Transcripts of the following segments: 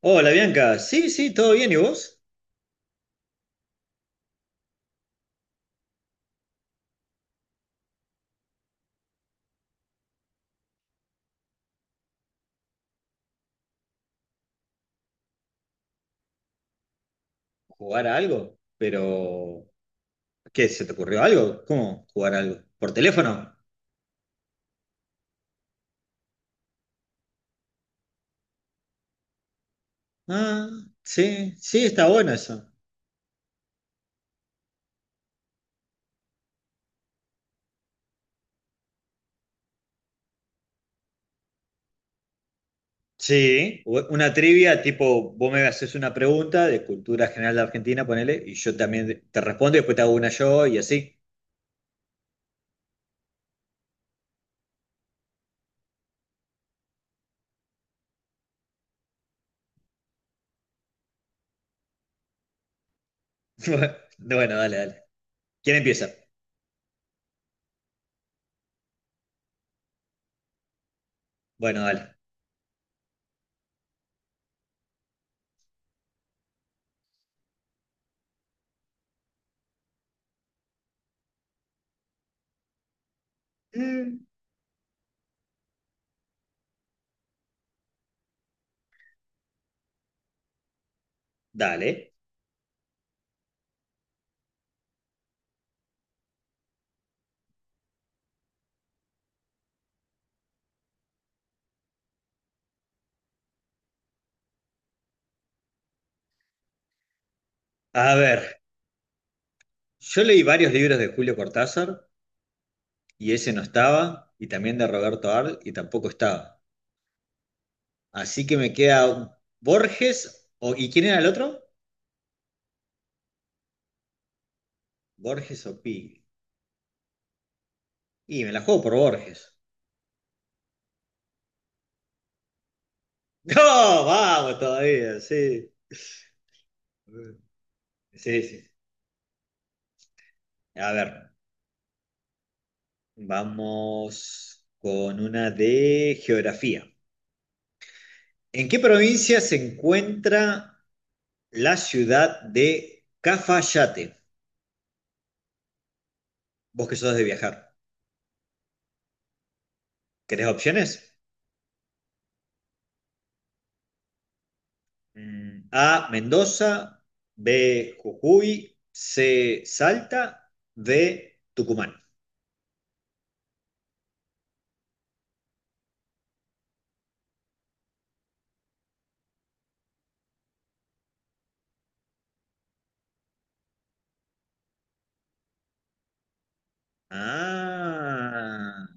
Hola Bianca, sí, sí, todo bien, ¿y vos? ¿Jugar a algo? Pero, ¿qué? ¿Se te ocurrió algo? ¿Cómo jugar a algo? ¿Por teléfono? Ah, sí, sí, está bueno eso. Sí, una trivia tipo, vos me haces una pregunta de cultura general de Argentina, ponele, y yo también te respondo y después te hago una yo y así. Bueno, dale, dale. ¿Quién empieza? Bueno, dale. Mm. Dale. A ver, yo leí varios libros de Julio Cortázar y ese no estaba, y también de Roberto Arlt, y tampoco estaba. Así que me queda Borges, o, ¿y quién era el otro? Borges o Pi. Y me la juego por Borges. ¡No! ¡Vamos todavía! Sí. Sí, sí. A ver, vamos con una de geografía. ¿En qué provincia se encuentra la ciudad de Cafayate? Vos que sos de viajar. ¿Querés opciones? Mm, A, Mendoza, B, Jujuy, C, Salta, D, Tucumán. Ah,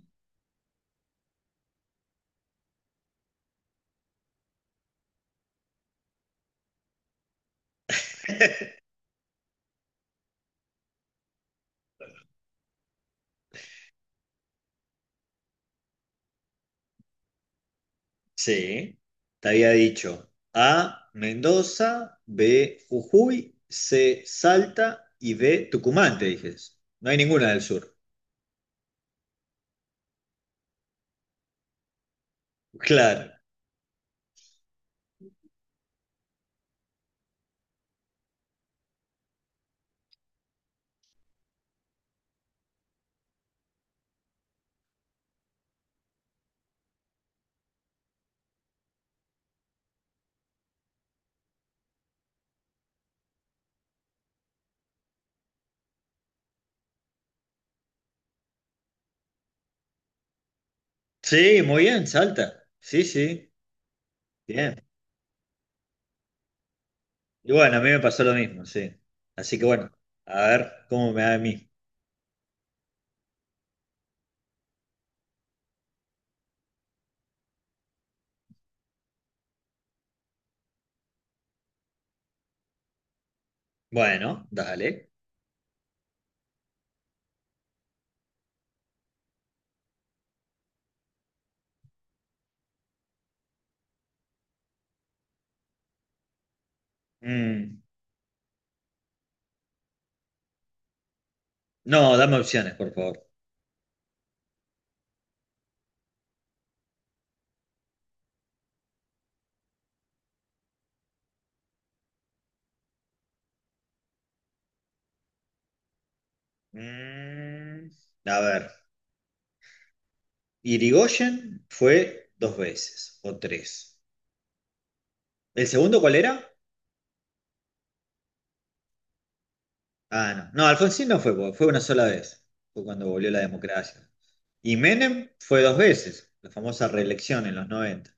sí, te había dicho A, Mendoza, B, Jujuy, C, Salta y D, Tucumán, te dije. No hay ninguna del sur. Claro. Sí, muy bien, Salta. Sí, sí, bien. Y bueno, a mí me pasó lo mismo, sí. Así que bueno, a ver cómo me da a mí. Bueno, dale. Mm. No, dame opciones, por favor. Mm, a ver, Irigoyen fue dos veces o tres. ¿El segundo cuál era? Ah, no. No, Alfonsín no fue, porque fue una sola vez. Fue cuando volvió la democracia. Y Menem fue dos veces, la famosa reelección en los 90.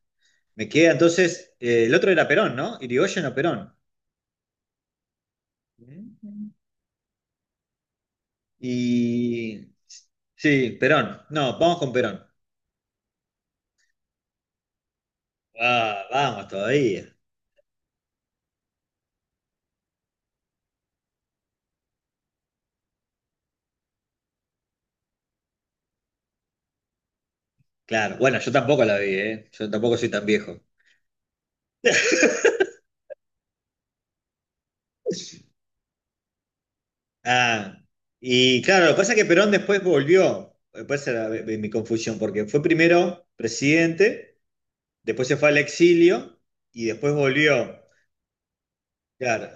Me queda entonces, el otro era Perón, ¿no? Irigoyen o Perón. Mm. Y... sí, Perón. No, vamos con Perón. Ah, vamos todavía. Claro, bueno, yo tampoco la vi, ¿eh? Yo tampoco soy tan viejo. Ah, y claro, lo que pasa es que Perón después volvió. Después era mi confusión, porque fue primero presidente, después se fue al exilio y después volvió. Claro,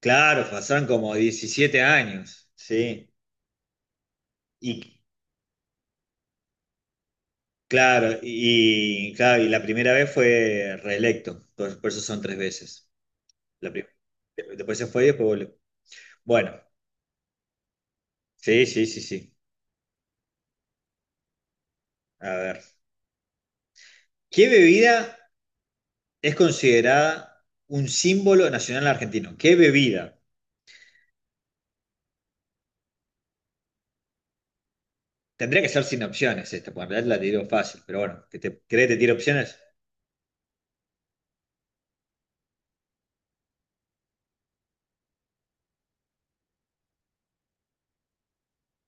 claro, pasaron como 17 años, ¿sí? Y claro, y, claro, y la primera vez fue reelecto, por eso son tres veces. La prim- Después se fue y después volvió. Bueno, sí, sí, sí, sí. A ver. ¿Qué bebida es considerada un símbolo nacional argentino? ¿Qué bebida? Tendría que ser sin opciones esta, porque en realidad la tiro fácil, pero bueno, ¿que te, ¿querés que te tire opciones?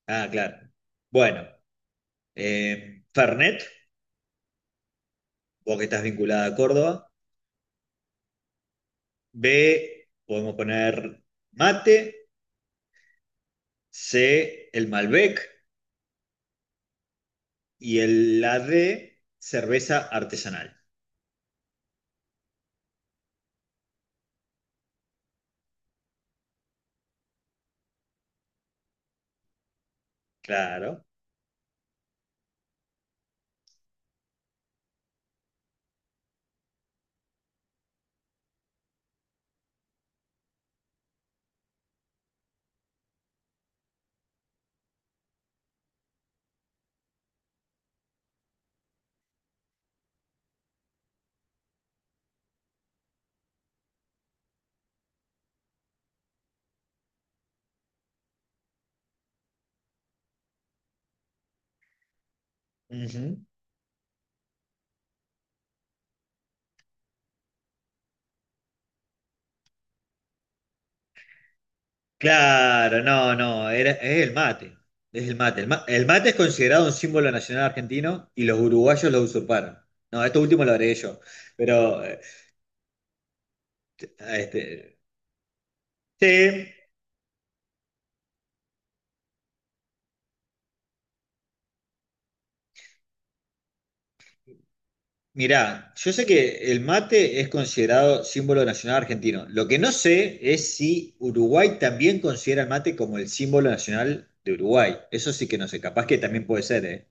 Ah, claro. Bueno, Fernet, vos que estás vinculada a Córdoba. B, podemos poner mate. C, el Malbec. Y el, la D, cerveza artesanal. Claro. Ujú. Claro, no, no, era, es el mate. Es el mate. El mate es considerado un símbolo nacional argentino y los uruguayos lo usurparon. No, esto último lo agregué yo. Pero, este, sí, mirá, yo sé que el mate es considerado símbolo nacional argentino. Lo que no sé es si Uruguay también considera el mate como el símbolo nacional de Uruguay. Eso sí que no sé, capaz que también puede ser, ¿eh?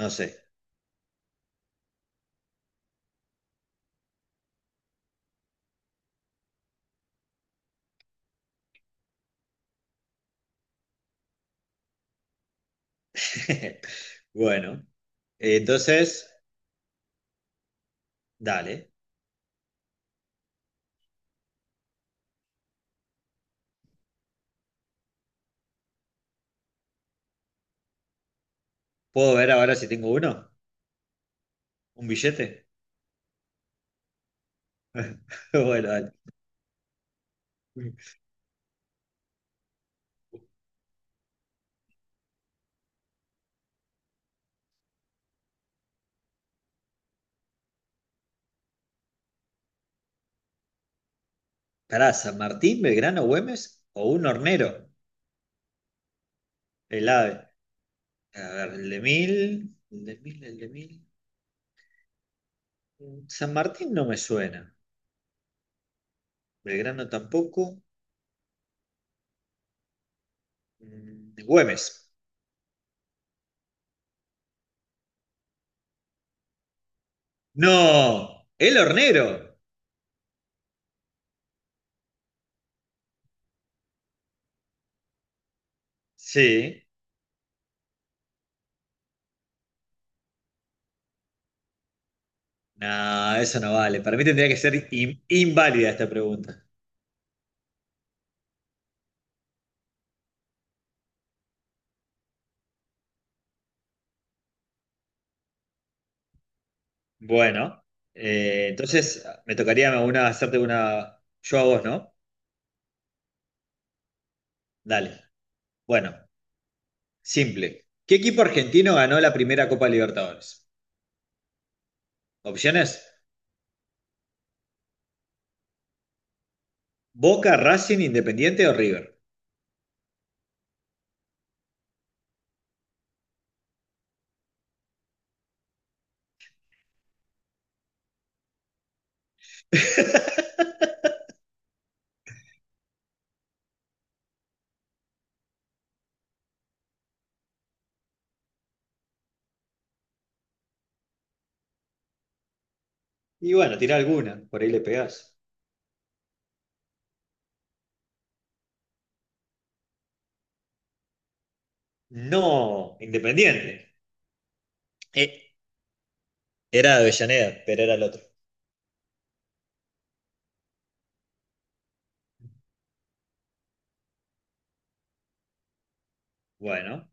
No sé. Bueno, entonces, dale. ¿Puedo ver ahora si tengo uno? ¿Un billete? Bueno, dale. Pará, San Martín, Belgrano, Güemes o un hornero, el ave. A ver, el de 1000, el de 1000, el de mil. San Martín no me suena. Belgrano tampoco. Mm, Güemes. ¡No! ¡El hornero! Sí. No, eso no vale. Para mí tendría que ser inválida esta pregunta. Bueno, entonces me tocaría una, hacerte una yo a vos, ¿no? Dale. Bueno, simple. ¿Qué equipo argentino ganó la primera Copa Libertadores? Opciones: Boca, Racing, Independiente o River. Y bueno, tira alguna, por ahí le pegás. No, Independiente. Eh, era de Avellaneda, pero era el otro. Bueno,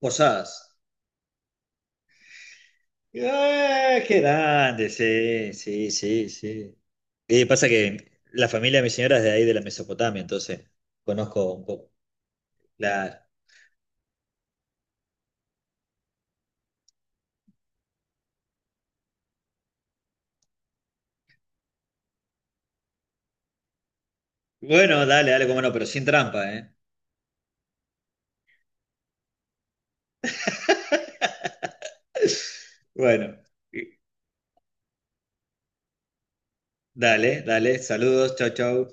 Posadas. Qué grande, sí, sí, sí, sí. Y pasa que la familia de mi señora es de ahí, de la Mesopotamia, entonces conozco un poco. Claro. Bueno, dale, dale, como no, pero sin trampa, ¿eh? Bueno, dale, dale, saludos, chau, chau.